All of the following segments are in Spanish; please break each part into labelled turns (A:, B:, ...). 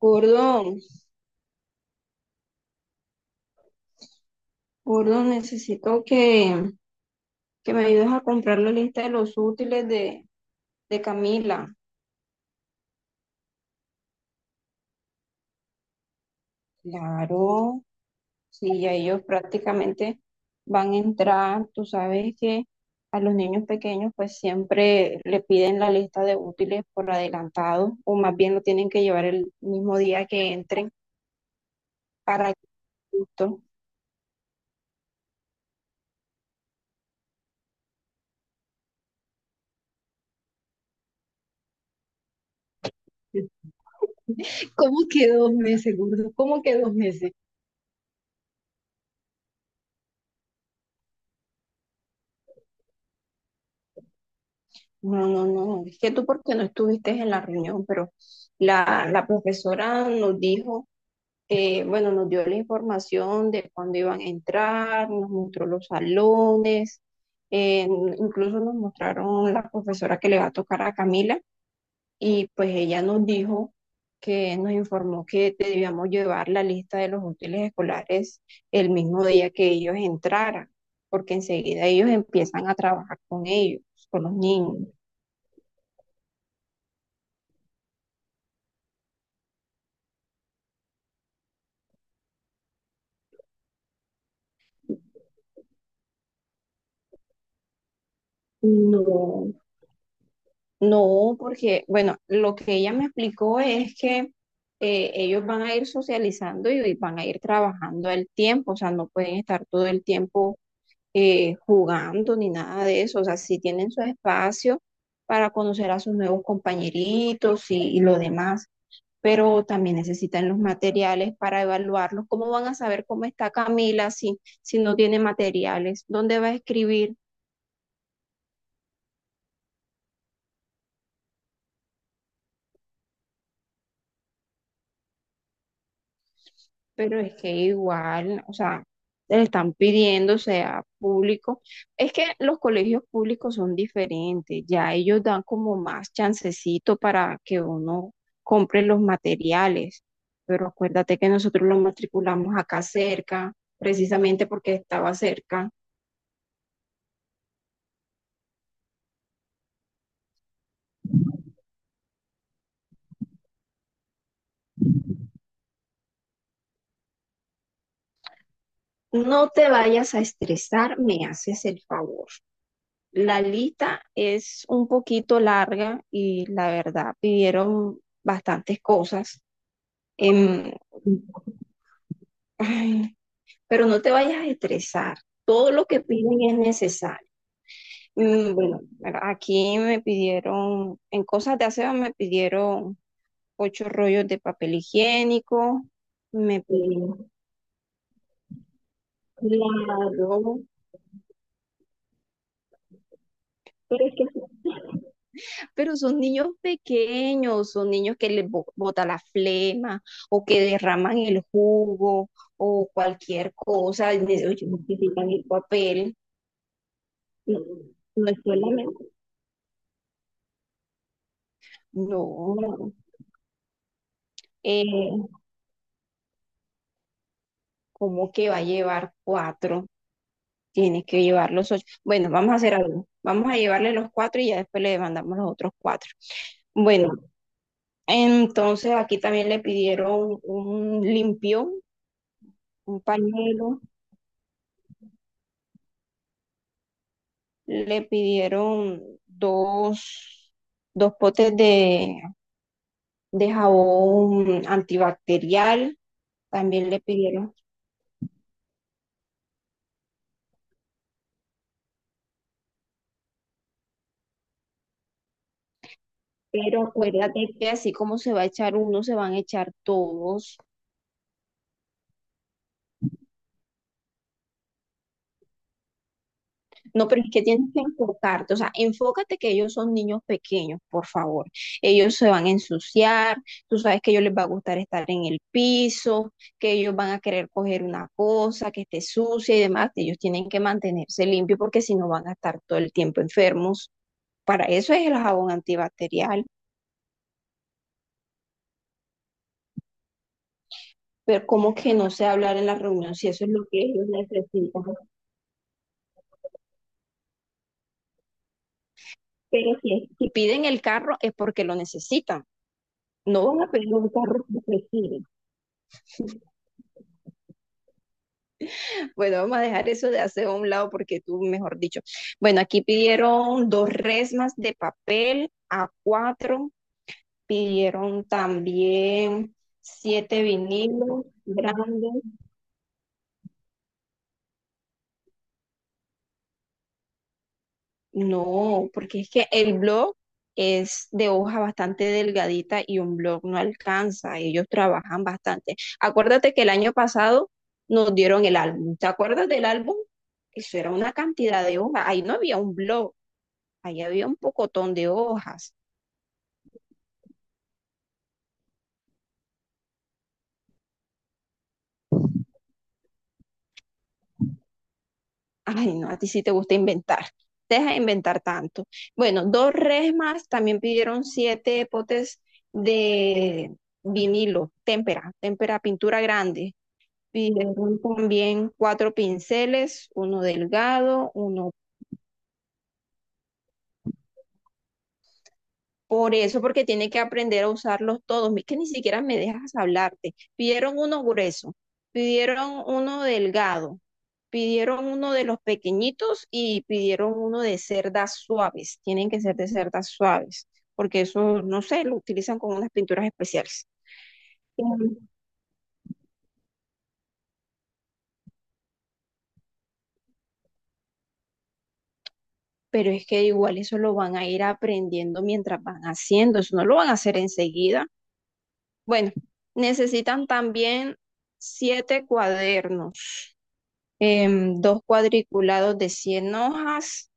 A: Gordo, gordo, necesito que me ayudes a comprar la lista de los útiles de Camila. Claro, sí, ya ellos prácticamente van a entrar. Tú sabes que a los niños pequeños pues siempre le piden la lista de útiles por adelantado o más bien lo tienen que llevar el mismo día que entren para que justo. ¿Cómo que dos meses, gordo? ¿Cómo que dos meses? No, no, no, es que tú porque no estuviste en la reunión, pero la profesora nos dijo, bueno, nos dio la información de cuándo iban a entrar, nos mostró los salones, eh, incluso nos mostraron la profesora que le va a tocar a Camila y pues ella nos dijo que nos informó que debíamos llevar la lista de los útiles escolares el mismo día que ellos entraran, porque enseguida ellos empiezan a trabajar con ellos, con los niños. No, no, porque, bueno, lo que ella me explicó es que ellos van a ir socializando y van a ir trabajando al tiempo, o sea, no pueden estar todo el tiempo jugando ni nada de eso, o sea, sí tienen su espacio para conocer a sus nuevos compañeritos y lo demás, pero también necesitan los materiales para evaluarlos. ¿Cómo van a saber cómo está Camila si no tiene materiales? ¿Dónde va a escribir? Pero es que igual, o sea, le están pidiendo sea público. Es que los colegios públicos son diferentes, ya ellos dan como más chancecito para que uno compre los materiales. Pero acuérdate que nosotros los matriculamos acá cerca, precisamente porque estaba cerca. No te vayas a estresar, me haces el favor. La lista es un poquito larga y la verdad pidieron bastantes cosas. Em, ay, pero no te vayas a estresar. Todo lo que piden es necesario. Mm, bueno, mira, aquí me pidieron, en cosas de aseo me pidieron ocho rollos de papel higiénico, me pidieron, claro, pero es que sí. Pero son niños pequeños, son niños que les bota la flema o que derraman el jugo o cualquier cosa, y oye, necesitan el papel. No, no es solamente. No, eh, ¿cómo que va a llevar cuatro? Tienes que llevar los ocho. Bueno, vamos a hacer algo. Vamos a llevarle los cuatro y ya después le mandamos los otros cuatro. Bueno, entonces aquí también le pidieron un limpio, un pañuelo, le pidieron dos, dos potes de jabón antibacterial, también le pidieron. Pero acuérdate que así como se va a echar uno, se van a echar todos. No, pero es que tienes que enfocarte, o sea, enfócate que ellos son niños pequeños, por favor. Ellos se van a ensuciar, tú sabes que a ellos les va a gustar estar en el piso, que ellos van a querer coger una cosa que esté sucia y demás. Ellos tienen que mantenerse limpios porque si no van a estar todo el tiempo enfermos. Para eso es el jabón antibacterial. Pero como que no sé hablar en la reunión si eso es lo que ellos necesitan. Pero si piden el carro es porque lo necesitan. No van a pedir un carro porque quieren. Bueno, vamos a dejar eso de hacer a un lado porque tú, mejor dicho. Bueno, aquí pidieron dos resmas de papel a cuatro. Pidieron también siete vinilos grandes. No, porque es que el blog es de hoja bastante delgadita y un blog no alcanza. Ellos trabajan bastante. Acuérdate que el año pasado nos dieron el álbum. ¿Te acuerdas del álbum? Eso era una cantidad de hojas. Ahí no había un blog, ahí había un pocotón de hojas. Ay, no, a ti sí te gusta inventar. Deja de inventar tanto. Bueno, dos res más también pidieron siete potes de vinilo, témpera, témpera, pintura grande. Pidieron también cuatro pinceles, uno delgado, uno por eso, porque tiene que aprender a usarlos todos. Es que ni siquiera me dejas hablarte. Pidieron uno grueso, pidieron uno delgado, pidieron uno de los pequeñitos y pidieron uno de cerdas suaves. Tienen que ser de cerdas suaves, porque eso, no sé, lo utilizan con unas pinturas especiales. Ujú. Pero es que igual eso lo van a ir aprendiendo mientras van haciendo, eso no lo van a hacer enseguida. Bueno, necesitan también siete cuadernos, dos cuadriculados de 100 hojas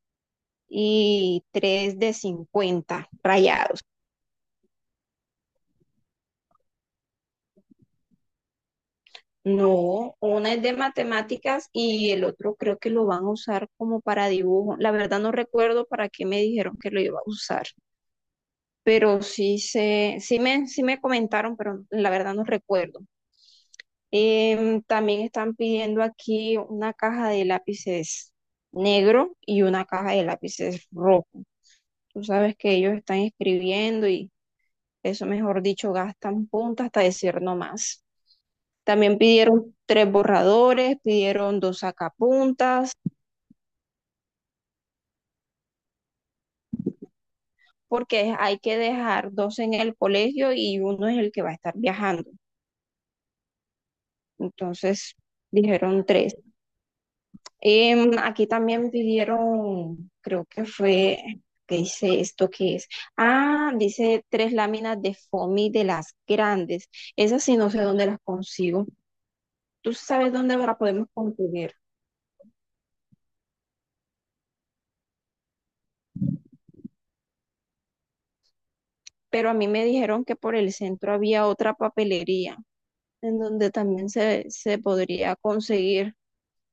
A: y tres de 50 rayados. No, una es de matemáticas y el otro creo que lo van a usar como para dibujo. La verdad no recuerdo para qué me dijeron que lo iba a usar, pero sí me comentaron, pero la verdad no recuerdo. También están pidiendo aquí una caja de lápices negro y una caja de lápices rojo. Tú sabes que ellos están escribiendo y eso, mejor dicho, gastan punta hasta decir no más. También pidieron tres borradores, pidieron dos sacapuntas, porque hay que dejar dos en el colegio y uno es el que va a estar viajando. Entonces dijeron tres. Aquí también pidieron, creo que fue, ¿qué dice esto que es? Ah, dice tres láminas de foamy de las grandes. Esas sí no sé dónde las consigo. Tú sabes dónde las podemos conseguir, pero a mí me dijeron que por el centro había otra papelería en donde también se podría conseguir,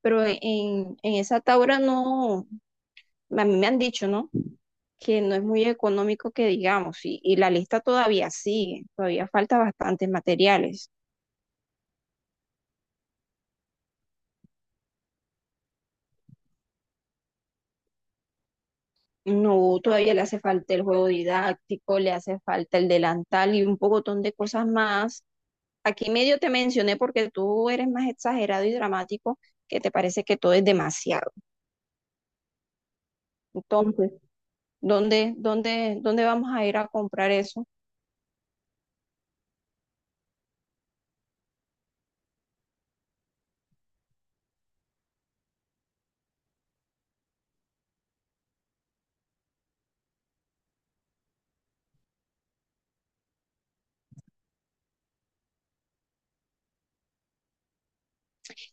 A: pero en esa Taura no, a mí me han dicho, ¿no? Que no es muy económico que digamos, y la lista todavía sigue, todavía falta bastantes materiales. No, todavía le hace falta el juego didáctico, le hace falta el delantal y un pocotón de cosas más. Aquí medio te mencioné porque tú eres más exagerado y dramático, que te parece que todo es demasiado. Entonces, ¿dónde vamos a ir a comprar eso?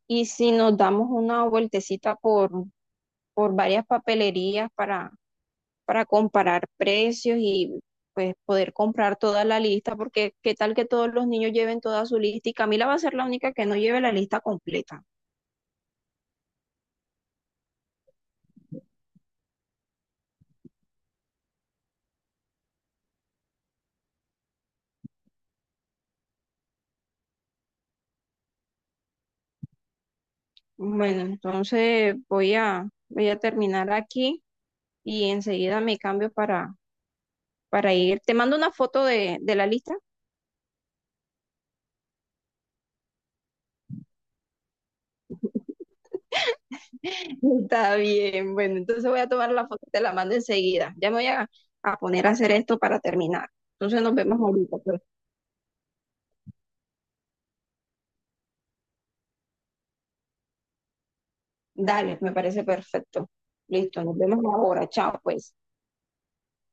A: Y si nos damos una vueltecita por varias papelerías para comparar precios y pues poder comprar toda la lista, porque qué tal que todos los niños lleven toda su lista y Camila va a ser la única que no lleve la lista completa. Bueno, entonces voy a terminar aquí y enseguida me cambio para ir. Te mando una foto de la lista. Está bien, bueno, entonces voy a tomar la foto, te la mando enseguida. Ya me voy a poner a hacer esto para terminar. Entonces nos vemos ahorita, pues. Dale, me parece perfecto. Listo, nos vemos ahora. Chao, pues.